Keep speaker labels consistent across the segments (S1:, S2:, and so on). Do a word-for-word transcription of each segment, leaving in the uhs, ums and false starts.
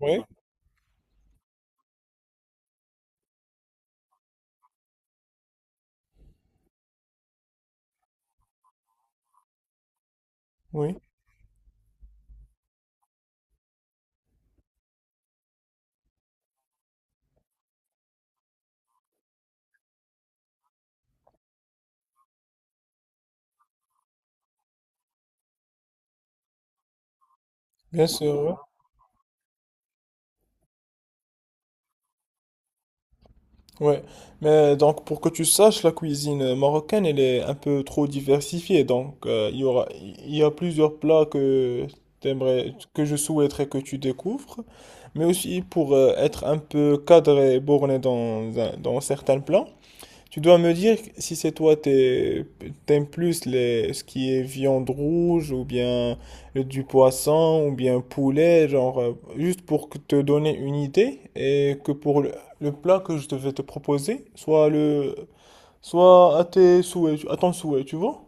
S1: Oui, oui, bien sûr. Ouais. Ouais. Mais donc pour que tu saches, la cuisine marocaine, elle est un peu trop diversifiée. Donc euh, il y aura, il y a plusieurs plats que t'aimerais, que je souhaiterais que tu découvres. Mais aussi pour euh, être un peu cadré et borné dans, un- dans certains plans. Tu dois me dire si c'est toi, t'es- t'aimes plus les, ce qui est viande rouge ou bien du poisson ou bien poulet, genre, euh, juste pour que te donner une idée et que pour le, le plat que je devais te proposer, soit le, soit à tes souhaits, à ton souhait, tu vois?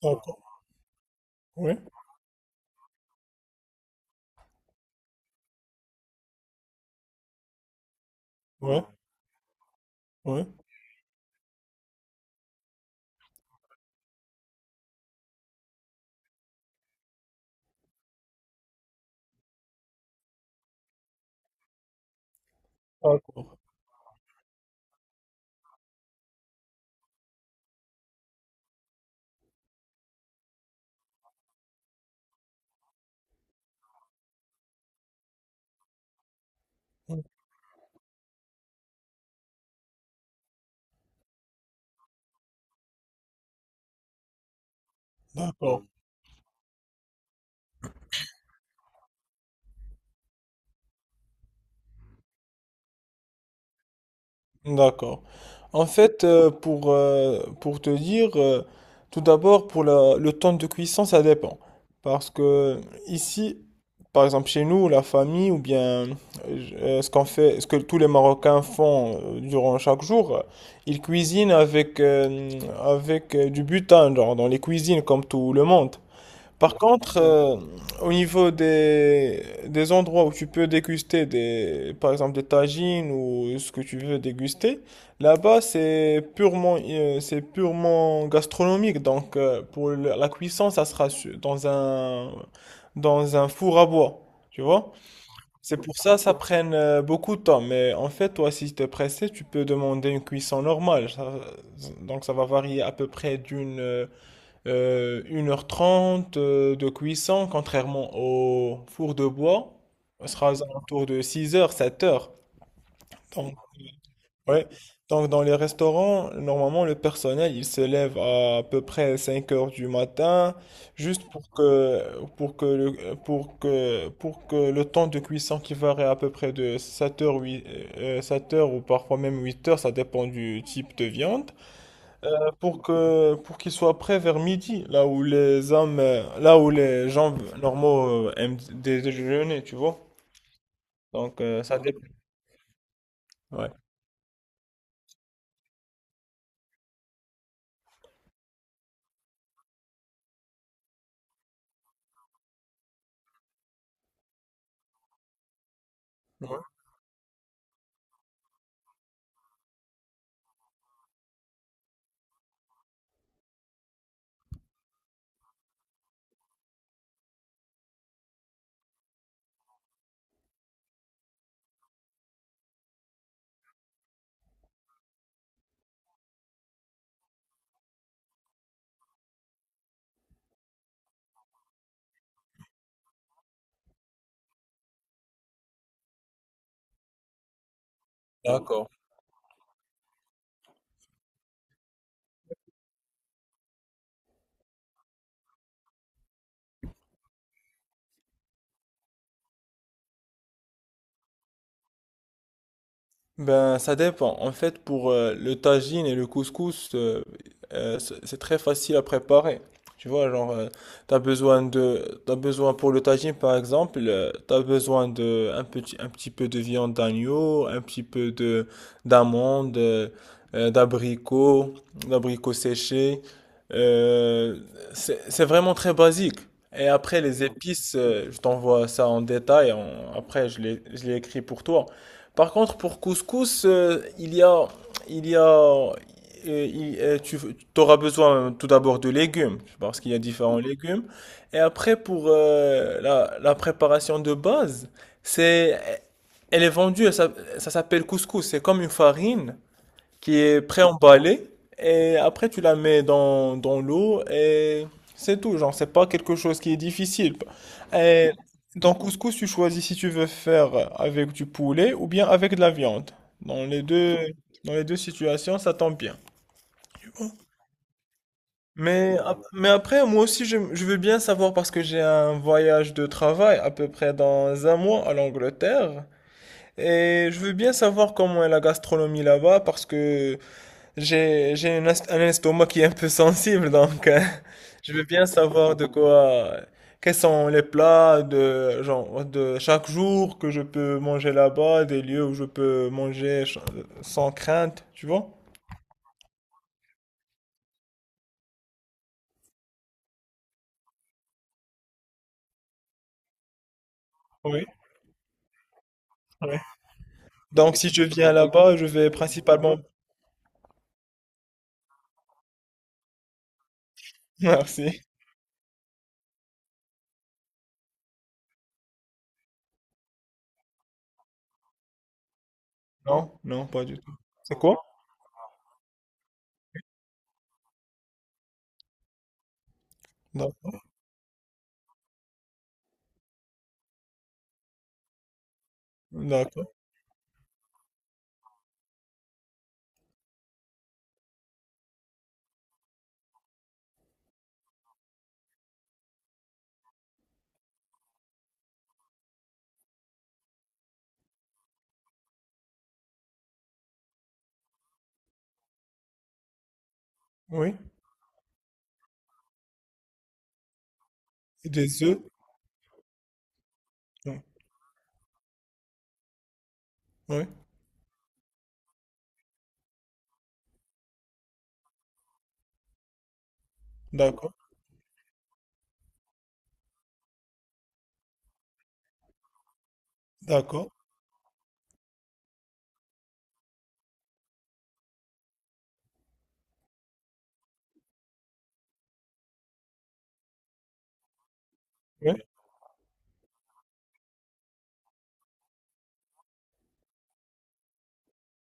S1: D'accord, oui, oui, oui. D'accord, d'accord, d'accord. En fait, euh, pour, euh, pour te dire, euh, tout d'abord, pour la- le temps de cuisson, ça dépend. Parce que ici, par exemple, chez nous, la famille, ou bien euh, je- euh, ce qu'on fait, ce que tous les Marocains font euh, durant chaque jour, euh, ils cuisinent avec, euh, avec euh, du butin, genre, dans les cuisines, comme tout le monde. Par contre, euh, au niveau des, des endroits où tu peux déguster des, par exemple des tagines ou ce que tu veux déguster, là-bas c'est purement, euh, c'est purement gastronomique. Donc euh, pour le- la cuisson, ça sera su- dans un, dans un four à bois. Tu vois? C'est pour ça ça prenne euh, beaucoup de temps. Mais en fait, toi, si tu es pressé, tu peux demander une cuisson normale. Ça- donc ça va varier à peu près d'une euh, euh, une heure trente euh, de cuisson, contrairement au four de bois, ce sera aux alentours de six heures sept heures. Donc, euh, ouais. Donc, dans les restaurants, normalement, le personnel, il se lève à, peu près cinq heures du matin, juste pour que, pour que, le, pour que, pour que le temps de cuisson qui varie à peu près de 7h, sept heures ou parfois même huit heures, ça dépend du type de viande, euh, pour que pour qu'ils soient prêts vers midi, là où les hommes, euh, là où les gens normaux euh, aiment dé- déjeuner, tu vois. Donc euh, ça dépend. Ouais. Ouais. D'accord. Ben, ça dépend. En fait, pour euh, le tagine et le couscous, euh, euh, c'est c'est très facile à préparer. Tu vois, genre, euh, t'as besoin de, t'as besoin pour le tagine, par exemple, euh, t'as besoin de un petit, un petit peu de viande d'agneau, un petit peu de d'amandes, euh, euh, d'abricots, d'abricots séchés. Euh, c'est, c'est vraiment très basique. Et après, les épices, euh, je t'envoie ça en détail. En- après, je les, je les écris pour toi. Par contre, pour couscous, euh, il y a, il y a, euh, il- euh, tu auras besoin euh, tout d'abord de légumes, parce qu'il y a différents légumes. Et après, pour euh, la, la préparation de base, c'est, elle est vendue, elle ça, s'appelle couscous. C'est comme une farine qui est pré-emballée et après tu la mets dans, dans l'eau et c'est tout. Genre, c'est pas quelque chose qui est difficile. Et dans couscous, tu choisis si tu veux faire avec du poulet ou bien avec de la viande. Dans les deux, Dans les deux situations, ça tombe bien. Mais, ap- mais après, moi aussi, je, je veux bien savoir parce que j'ai un voyage de travail à peu près dans un mois à l'Angleterre. Et je veux bien savoir comment est la gastronomie là-bas parce que j'ai, j'ai une est- un estomac qui est un peu sensible, donc euh, je veux bien savoir de quoi, quels sont les plats de, genre, de chaque jour que je peux manger là-bas, des lieux où je peux manger ch- sans crainte, tu vois? Oui, oui. Donc si je viens là-bas, je vais principalement. Merci. Non, non, pas du tout. C'est quoi? D'accord. D'accord. Oui. Des œufs? Oui. Oui. D'accord. D'accord. Oui.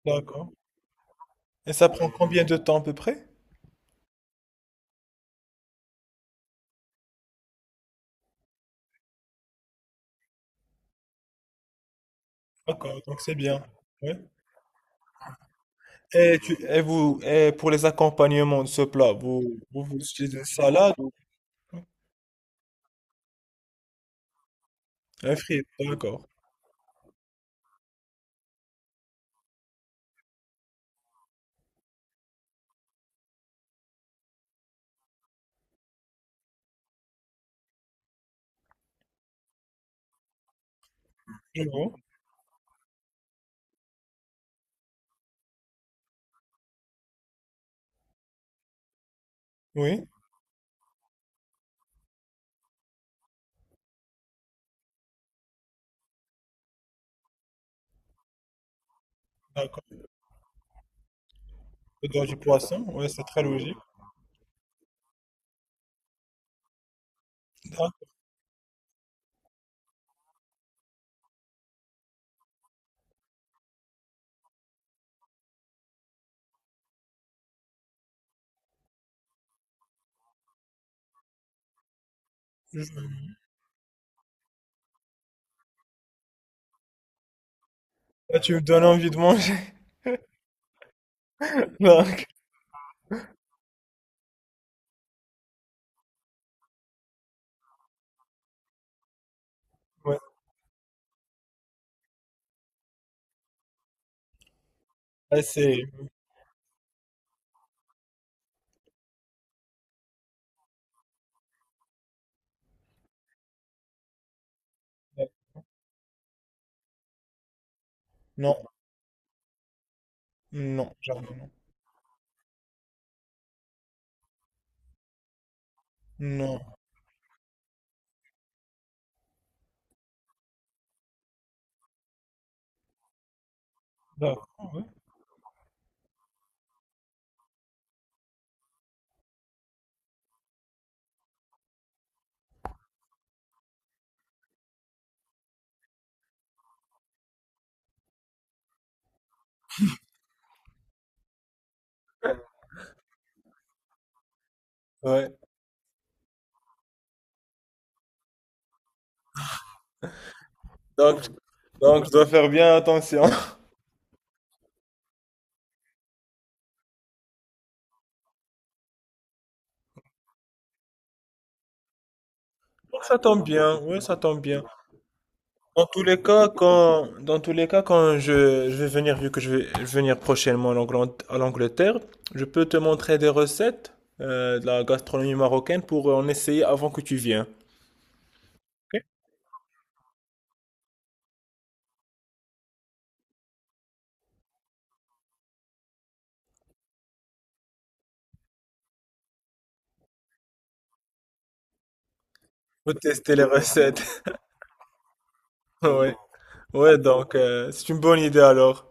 S1: D'accord. Et ça prend combien de temps à peu près? D'accord, donc c'est bien. Ouais. Et, tu, et vous, et pour les accompagnements de ce plat, vous, vous, vous utilisez une salade ou un frit, d'accord. Je vois. Oui, d'accord. Le dans du poisson, ouais, c'est très logique. D'accord. Là, tu me donnes envie de manger. Donc, ouais. Ah, c'est- non, non, jamais non. Non, d'accord, ouais. Ouais. Donc, donc, je dois faire bien attention. Ça tombe bien, oui, ça tombe bien. Dans tous les cas, quand, dans tous les cas, quand je, je vais venir, vu que je vais je vais venir prochainement en Anglant- à l'Angleterre, je peux te montrer des recettes euh, de la gastronomie marocaine pour en essayer avant que tu viennes. Ok. Pour tester les recettes. Ouais, ouais, donc euh, c'est une bonne idée alors.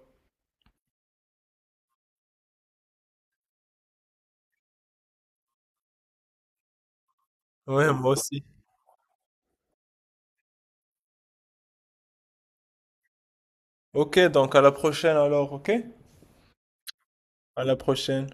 S1: Ouais, moi aussi. Ok, donc à la prochaine alors, ok? À la prochaine.